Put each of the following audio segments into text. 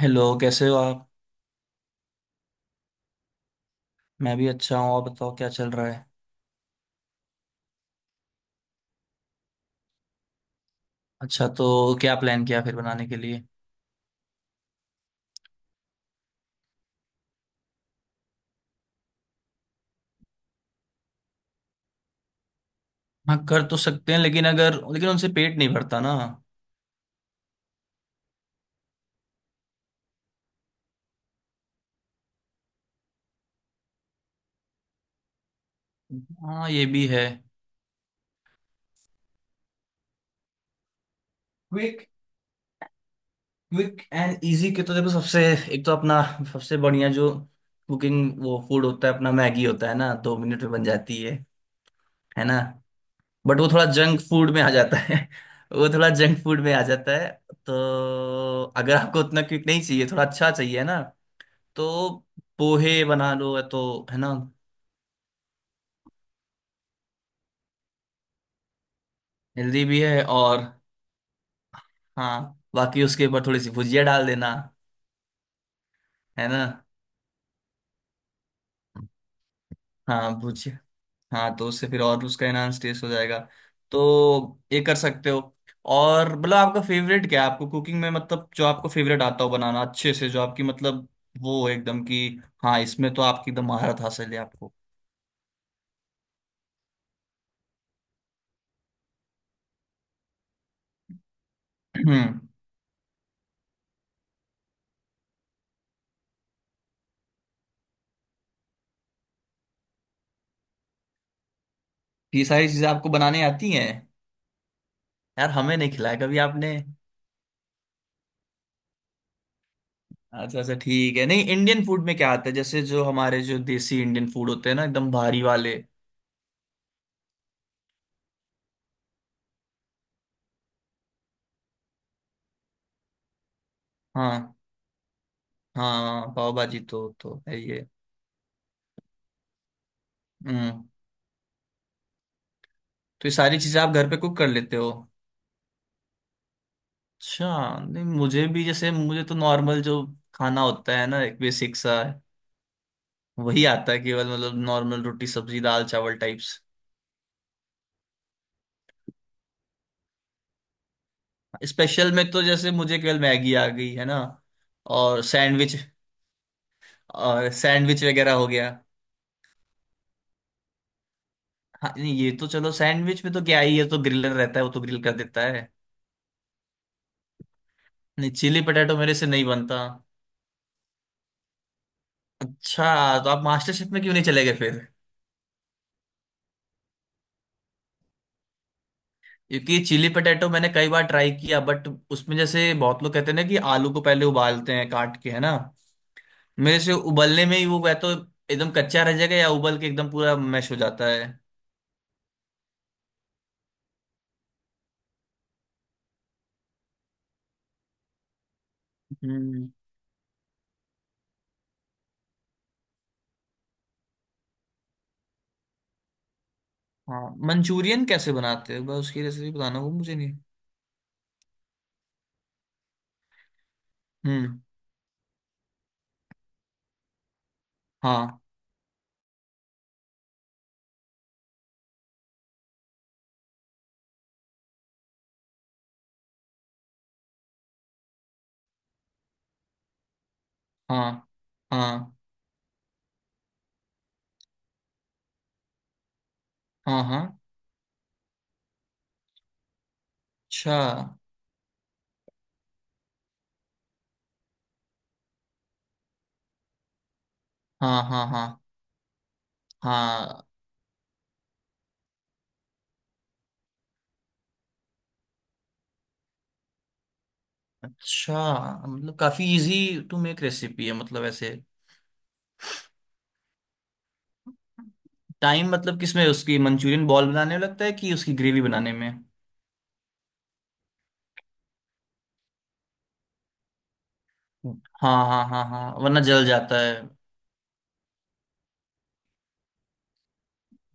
Hello, कैसे हो आप। मैं भी अच्छा हूँ। और बताओ, क्या चल रहा है। अच्छा, तो क्या प्लान किया फिर बनाने के लिए। हाँ कर तो सकते हैं, लेकिन उनसे पेट नहीं भरता ना। हाँ ये भी है। क्विक क्विक एंड इजी के तो देखो, सबसे एक तो अपना सबसे बढ़िया जो कुकिंग वो फूड होता है अपना, मैगी होता है ना, 2 मिनट में बन जाती है ना। बट वो थोड़ा जंक फूड में आ जाता है। वो थोड़ा जंक फूड में आ जाता है। तो अगर आपको उतना क्विक नहीं चाहिए, थोड़ा अच्छा चाहिए ना, तो पोहे बना लो तो, है ना। हेल्दी भी है। और हाँ, बाकी उसके ऊपर थोड़ी सी भुजिया डाल देना, है ना। हाँ भुजिया। हाँ तो उससे फिर और उसका एनहांस टेस्ट हो जाएगा। तो ये कर सकते हो। और मतलब आपका फेवरेट क्या है, आपको कुकिंग में मतलब जो आपको फेवरेट आता हो बनाना अच्छे से, जो आपकी मतलब वो है एकदम कि हाँ, इसमें तो आपकी एकदम महारत हासिल है आपको। हम्म। ये सारी चीजें आपको बनाने आती हैं। यार हमें नहीं खिलाया कभी आपने। अच्छा अच्छा ठीक है। नहीं इंडियन फूड में क्या आता है, जैसे जो हमारे जो देसी इंडियन फूड होते हैं ना, एकदम भारी वाले। हाँ। हाँ पाव भाजी तो है ये। हम्म। तो ये सारी चीजें आप घर पे कुक कर लेते हो। अच्छा। नहीं मुझे भी, जैसे मुझे तो नॉर्मल जो खाना होता है ना एक बेसिक सा, वही आता है केवल। मतलब नॉर्मल रोटी सब्जी दाल चावल टाइप्स। स्पेशल में तो जैसे मुझे केवल मैगी आ गई है ना। और सैंडविच। और सैंडविच वगैरह हो गया। हाँ नहीं ये तो चलो, सैंडविच में तो क्या ही है, तो ग्रिलर रहता है वो तो, ग्रिल कर देता है। नहीं, चिली पटेटो मेरे से नहीं बनता। अच्छा, तो आप मास्टर शेफ में क्यों नहीं चले गए फिर। क्योंकि चिली पटेटो मैंने कई बार ट्राई किया, बट उसमें जैसे बहुत लोग कहते हैं ना कि आलू को पहले उबालते हैं काट के, है ना। मेरे से उबलने में ही वो या तो एकदम कच्चा रह जाएगा, या उबल के एकदम पूरा मैश हो जाता है। हम्म। हाँ। मंचूरियन कैसे बनाते हैं, बस उसकी रेसिपी बताना, वो मुझे नहीं। हम्म। हाँ। हाँ। हाँ। हाँ। हाँ। अच्छा। हाँ। हाँ। हाँ। हाँ। अच्छा, मतलब काफी इजी टू मेक रेसिपी है मतलब ऐसे। टाइम मतलब किसमें, उसकी मंचूरियन बॉल बनाने में लगता है कि उसकी ग्रेवी बनाने में। हाँ हाँ हाँ हाँ, वरना जल जाता है।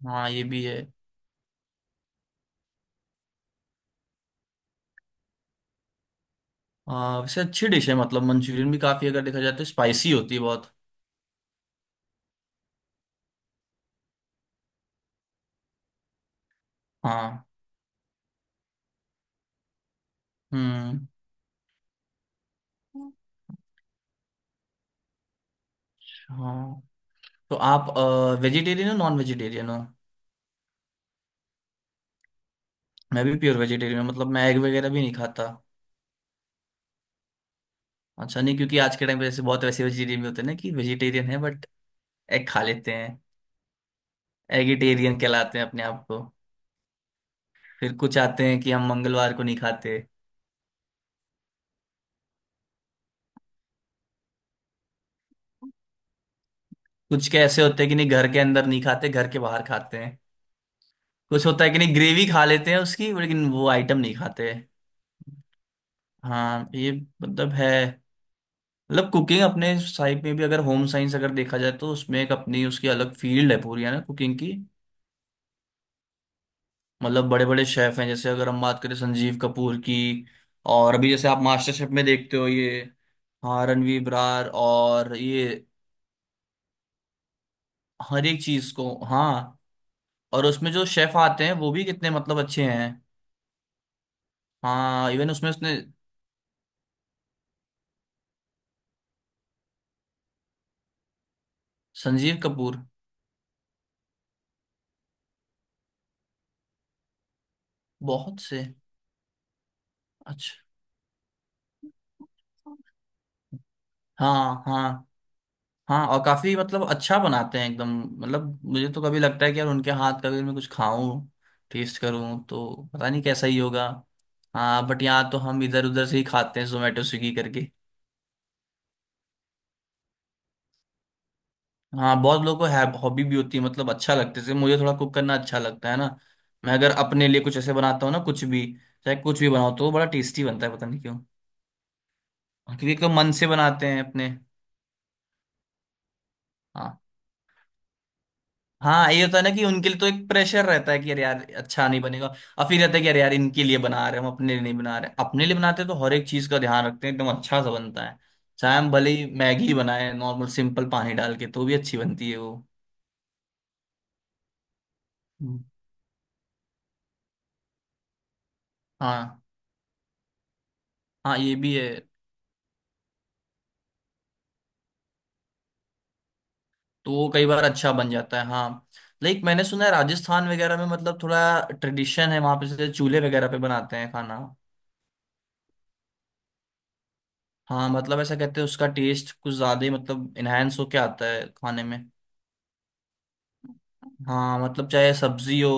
हाँ ये भी है। वैसे अच्छी डिश है मतलब, मंचूरियन भी काफी अगर देखा जाए तो स्पाइसी होती है बहुत। हाँ। हम्म। हाँ, तो आप वेजिटेरियन हो, नॉन वेजिटेरियन हो। मैं भी प्योर वेजिटेरियन हूँ, मतलब मैं एग वगैरह भी नहीं खाता। अच्छा, नहीं क्योंकि आज के टाइम पे ऐसे बहुत वैसे वेजिटेरियन भी होते हैं ना कि वेजिटेरियन है बट एग खा लेते हैं। एगिटेरियन कहलाते हैं अपने आप को। फिर कुछ आते हैं कि हम मंगलवार को नहीं खाते। कुछ के ऐसे होते हैं कि नहीं, घर के अंदर नहीं खाते, घर के बाहर खाते हैं। कुछ होता है कि नहीं ग्रेवी खा लेते हैं उसकी, लेकिन वो आइटम नहीं खाते। हाँ ये मतलब है। मतलब कुकिंग, अपने साइड में भी अगर होम साइंस अगर देखा जाए तो उसमें एक अपनी उसकी अलग फील्ड है पूरी, है ना कुकिंग की। मतलब बड़े बड़े शेफ हैं, जैसे अगर हम बात करें संजीव कपूर की। और अभी जैसे आप मास्टर शेफ में देखते हो, ये हाँ, रणवीर ब्रार। और ये हर एक चीज को, हाँ। और उसमें जो शेफ आते हैं वो भी कितने मतलब अच्छे हैं। हाँ, इवन उसमें उसने संजीव कपूर। बहुत से। अच्छा। हाँ हाँ हाँ। और काफी मतलब अच्छा बनाते हैं एकदम। मतलब मुझे तो कभी लगता है कि यार उनके हाथ का भी मैं कुछ खाऊं, टेस्ट करूं, तो पता नहीं कैसा ही होगा। हाँ, बट यहाँ तो हम इधर उधर से ही खाते हैं जोमेटो स्विगी करके। हाँ बहुत लोगों को हॉबी भी होती है, मतलब अच्छा लगता है, जैसे मुझे थोड़ा कुक करना अच्छा लगता है ना। मैं अगर अपने लिए कुछ ऐसे बनाता हूँ ना, कुछ भी चाहे कुछ भी बनाओ, तो वो बड़ा टेस्टी बनता है, पता नहीं क्यों। हाँ, क्योंकि एक तो मन से बनाते हैं अपने। हाँ, हाँ ये होता है ना कि उनके लिए तो एक प्रेशर रहता है कि अरे यार अच्छा नहीं बनेगा। और फिर रहता है कि अरे यार इनके लिए बना रहे हैं, हम अपने लिए नहीं बना रहे। अपने लिए बनाते हैं तो हर एक चीज का ध्यान रखते हैं, एकदम अच्छा सा बनता है। चाहे हम भले ही मैगी बनाए नॉर्मल, सिंपल पानी डाल के तो भी अच्छी बनती है वो। हम्म। हाँ। हाँ ये भी है। तो वो कई बार अच्छा बन जाता है, हाँ। लाइक मैंने सुना है राजस्थान वगैरह में मतलब थोड़ा ट्रेडिशन है, वहां पे जैसे चूल्हे वगैरह पे बनाते हैं खाना। हाँ, मतलब ऐसा कहते हैं, उसका टेस्ट कुछ ज्यादा ही मतलब इनहेंस होके आता है खाने में। हाँ, मतलब चाहे सब्जी हो,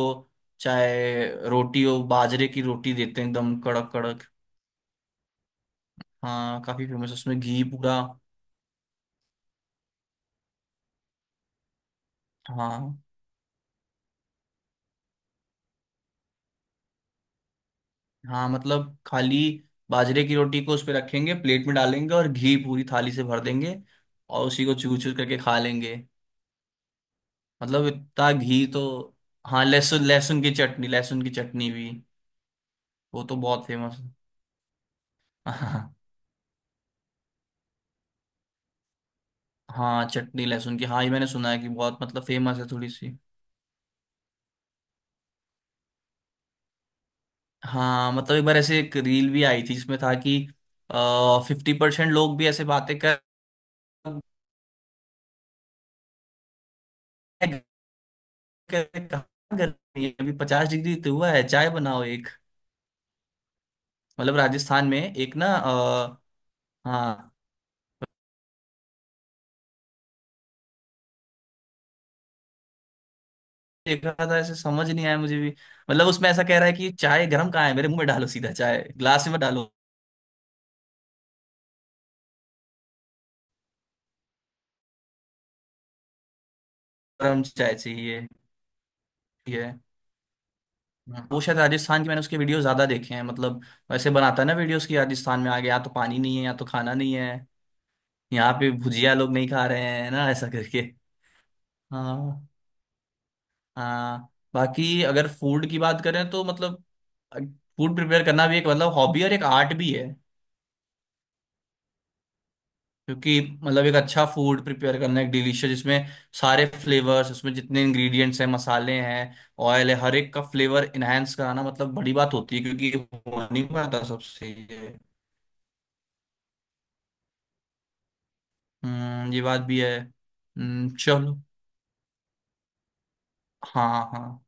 चाहे रोटी हो, बाजरे की रोटी देते हैं एकदम कड़क कड़क। हाँ काफी फेमस है, उसमें घी पूरा। हाँ। हाँ मतलब खाली बाजरे की रोटी को उस पे रखेंगे, प्लेट में डालेंगे और घी पूरी थाली से भर देंगे। और उसी को चूर चूर करके खा लेंगे। मतलब इतना घी तो। हाँ, लहसुन लहसुन की चटनी, लहसुन की चटनी भी वो तो बहुत फेमस है। हाँ, हाँ चटनी लहसुन की, हाँ ये मैंने सुना है कि बहुत मतलब फेमस है थोड़ी सी। हाँ मतलब एक बार ऐसे एक रील भी आई थी जिसमें था कि 50% लोग भी ऐसे बातें कर कर- कहाँ गर्मी है? अभी 50 डिग्री तो हुआ है, चाय बनाओ एक। मतलब राजस्थान में एक ना हाँ। देख रहा था ऐसे, समझ नहीं आया मुझे भी। मतलब उसमें ऐसा कह रहा है कि चाय गर्म कहाँ है, मेरे मुंह में डालो सीधा, चाय ग्लास में मत डालो, गर्म चाय चाहिए। ठीक है। हाँ। वो शायद राजस्थान की, मैंने उसके वीडियो ज्यादा देखे हैं मतलब। वैसे बनाता है ना वीडियोस की, राजस्थान में आ गया, यहाँ तो पानी नहीं है, यहाँ तो खाना नहीं है, यहाँ पे भुजिया लोग नहीं खा रहे हैं ना, ऐसा करके। हाँ हाँ। बाकी अगर फूड की बात करें तो मतलब, फूड प्रिपेयर करना भी एक मतलब हॉबी और एक आर्ट भी है। क्योंकि मतलब एक अच्छा फूड प्रिपेयर करना, एक डिलीशियस, जिसमें सारे फ्लेवर्स, उसमें जितने इंग्रेडिएंट्स हैं, मसाले हैं, ऑयल है, हर एक का फ्लेवर इनहेंस कराना मतलब बड़ी बात होती है, क्योंकि ये हो नहीं पाता सबसे ये। हम्म, ये बात भी है। चलो। हाँ हाँ।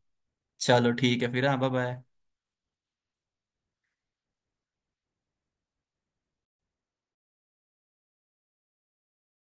चलो ठीक है फिर, हाँ बाय बाय।